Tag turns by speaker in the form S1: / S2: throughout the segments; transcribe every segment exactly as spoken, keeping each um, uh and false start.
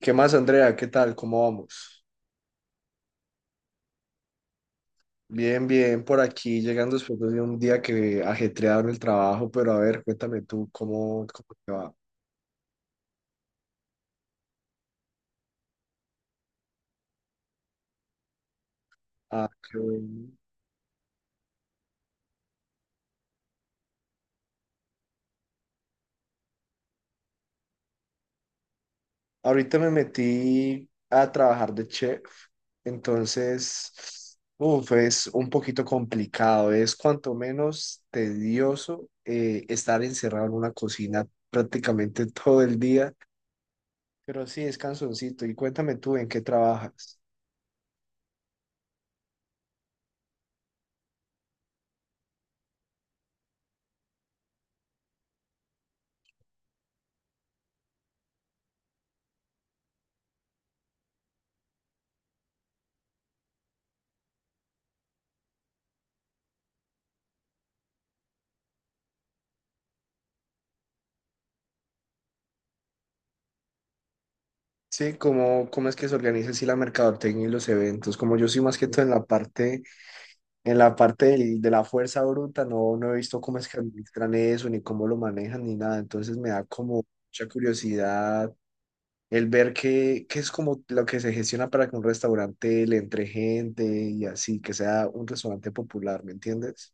S1: ¿Qué más, Andrea? ¿Qué tal? ¿Cómo vamos? Bien, bien, por aquí, llegando después de un día que ajetreado en el trabajo, pero a ver, cuéntame tú, ¿cómo, cómo te va? Ah, qué bueno. Ahorita me metí a trabajar de chef, entonces, uf, es un poquito complicado, es cuanto menos tedioso eh, estar encerrado en una cocina prácticamente todo el día, pero sí, es cansoncito. Y cuéntame tú, ¿en qué trabajas? Sí, cómo, cómo es que se organiza así la mercadotecnia y los eventos. Como yo soy más que todo en la parte, en la parte del- de la fuerza bruta, no, no he visto cómo es que administran eso, ni cómo lo manejan, ni nada. Entonces me da como mucha curiosidad el ver qué, qué es como lo que se gestiona para que un restaurante le entre gente y así, que sea un restaurante popular, ¿me entiendes?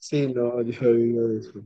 S1: Sí, no, yo digo eso.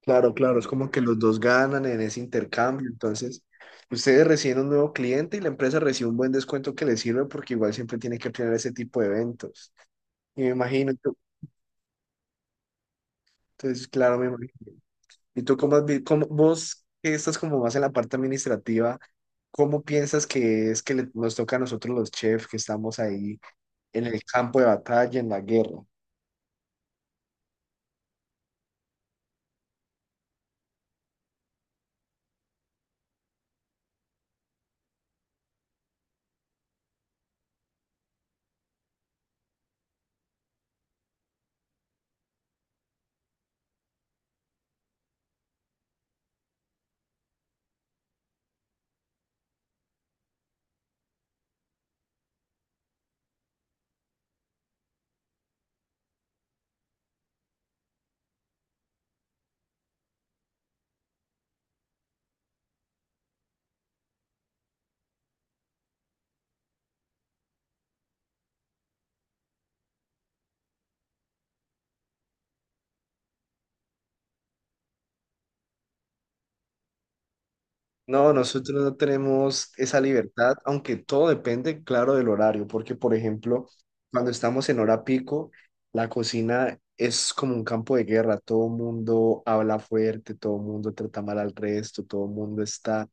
S1: Claro, claro, es como que los dos ganan en ese intercambio. Entonces, ustedes reciben un nuevo cliente y la empresa recibe un buen descuento que les sirve porque igual siempre tiene que planear ese tipo de eventos. Y me imagino, tú- entonces, claro, me imagino. ¿Y tú cómo, has vi- cómo- vos que estás como más en la parte administrativa, cómo piensas que es que le- nos toca a nosotros los chefs que estamos ahí en el campo de batalla, en la guerra? No, nosotros no tenemos esa libertad, aunque todo depende, claro, del horario, porque, por ejemplo, cuando estamos en hora pico, la cocina es como un campo de guerra, todo el mundo habla fuerte, todo el mundo trata mal al resto, todo el mundo está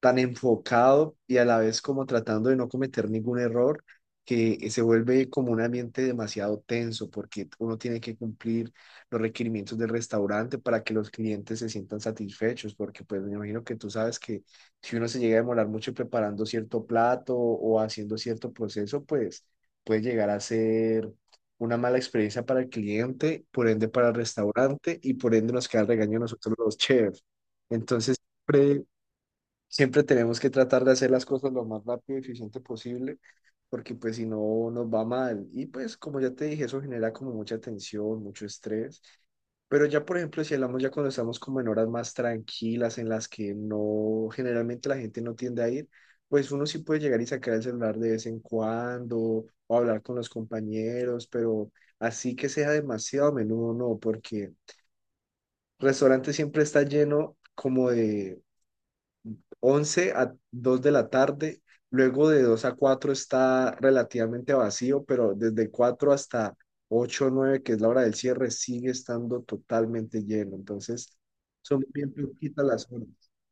S1: tan enfocado y a la vez como tratando de no cometer ningún error, que se vuelve como un ambiente demasiado tenso porque uno tiene que cumplir los requerimientos del restaurante para que los clientes se sientan satisfechos, porque pues me imagino que tú sabes que si uno se llega a demorar mucho preparando cierto plato o haciendo cierto proceso, pues puede llegar a ser una mala experiencia para el cliente, por ende para el restaurante y por ende nos queda el regaño a nosotros los chefs. Entonces, siempre Siempre tenemos que tratar de hacer las cosas lo más rápido y eficiente posible, porque pues si no nos va mal. Y pues como ya te dije, eso genera como mucha tensión, mucho estrés. Pero ya por ejemplo, si hablamos ya cuando estamos como en horas más tranquilas, en las que no, generalmente la gente no tiende a ir, pues uno sí puede llegar y sacar el celular de vez en cuando o hablar con los compañeros, pero así que sea demasiado a menudo, no, porque restaurante siempre está lleno como de once a dos de la tarde. Luego de dos a cuatro está relativamente vacío, pero desde cuatro hasta ocho o nueve, que es la hora del cierre, sigue estando totalmente lleno. Entonces, son bien poquitas las horas.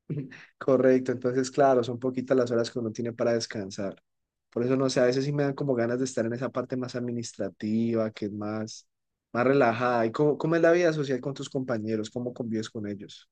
S1: Correcto, entonces, claro, son poquitas las horas que uno tiene para descansar. Por eso, no sé, a veces sí me dan como ganas de estar en esa parte más administrativa, que es más, más relajada. ¿Y cómo, cómo es la vida social con tus compañeros? ¿Cómo convives con ellos?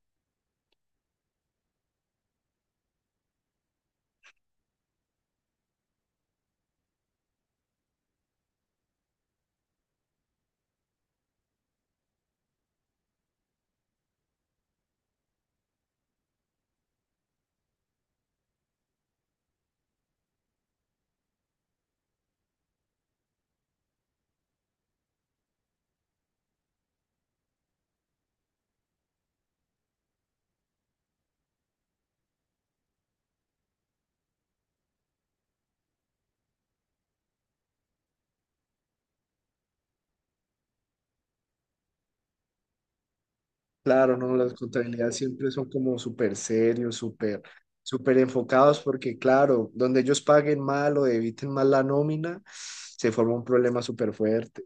S1: Claro, no, las contabilidades siempre son como súper serios, súper, súper enfocados, porque claro, donde ellos paguen mal o eviten mal la nómina, se forma un problema súper fuerte.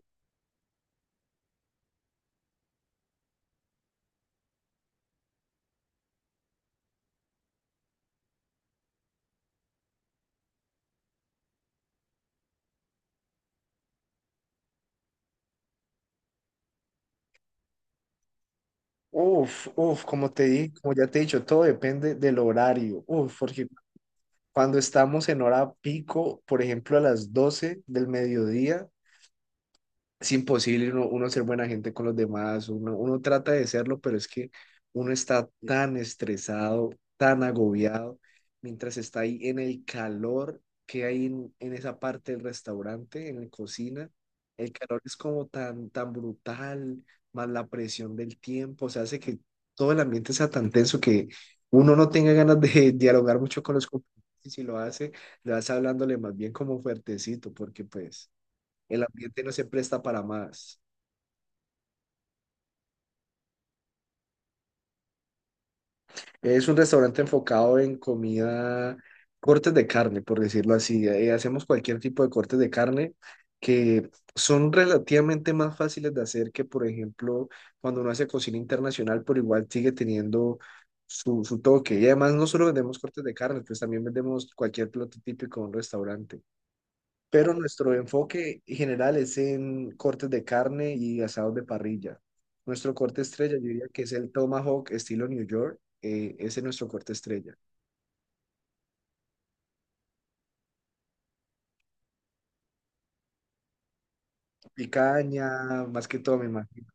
S1: Uf, uf, como te di, como ya te he dicho, todo depende del horario. Uf, porque cuando estamos en hora pico, por ejemplo, a las doce del mediodía, es imposible uno, uno ser buena gente con los demás, uno, uno trata de serlo, pero es que uno está tan estresado, tan agobiado, mientras está ahí en el calor que hay en, en esa parte del restaurante, en la cocina, el calor es como tan, tan brutal, más la presión del tiempo, o sea, hace que todo el ambiente sea tan tenso que uno no tenga ganas de dialogar mucho con los compañeros, y si lo hace, le vas hablándole más bien como fuertecito, porque pues el ambiente no se presta para más. Es un restaurante enfocado en comida, cortes de carne, por decirlo así. Eh, hacemos cualquier tipo de cortes de carne que son relativamente más fáciles de hacer que, por ejemplo, cuando uno hace cocina internacional, pero igual sigue teniendo su, su toque. Y además no solo vendemos cortes de carne, pues también vendemos cualquier plato típico de un restaurante. Pero nuestro enfoque general es en cortes de carne y asados de parrilla. Nuestro corte estrella, yo diría que es el Tomahawk estilo New York, eh, ese es nuestro corte estrella. Picaña, más que todo, me imagino.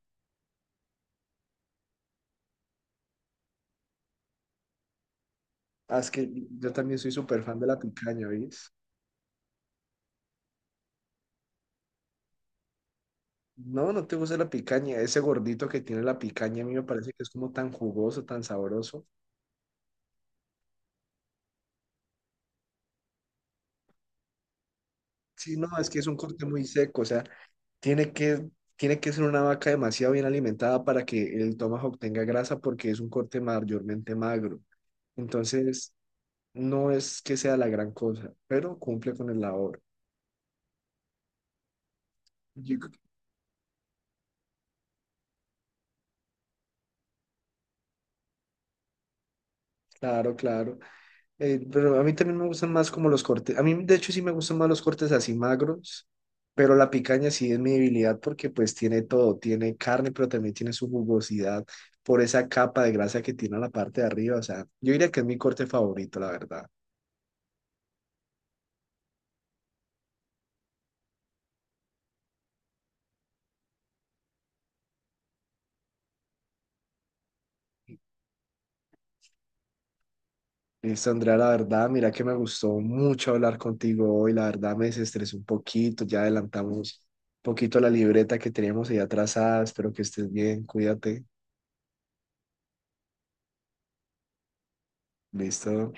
S1: Ah, es que yo también soy súper fan de la picaña, ¿ves? No, no te gusta la picaña, ese gordito que tiene la picaña a mí me parece que es como tan jugoso, tan sabroso. Sí, no, es que es un corte muy seco, o sea, tiene que, tiene que ser una vaca demasiado bien alimentada para que el tomahawk tenga grasa porque es un corte mayormente magro. Entonces, no es que sea la gran cosa, pero cumple con el labor. Yo- Claro, claro. Eh, pero a mí también me gustan más como los cortes. A mí, de hecho, sí me gustan más los cortes así magros, pero la picaña sí es mi debilidad porque pues tiene todo. Tiene carne, pero también tiene su jugosidad por esa capa de grasa que tiene a la parte de arriba. O sea, yo diría que es mi corte favorito, la verdad. Listo, Andrea, la verdad, mira que me gustó mucho hablar contigo hoy, la verdad me desestresé un poquito, ya adelantamos un poquito la libreta que teníamos ahí atrasada, espero que estés bien, cuídate, listo.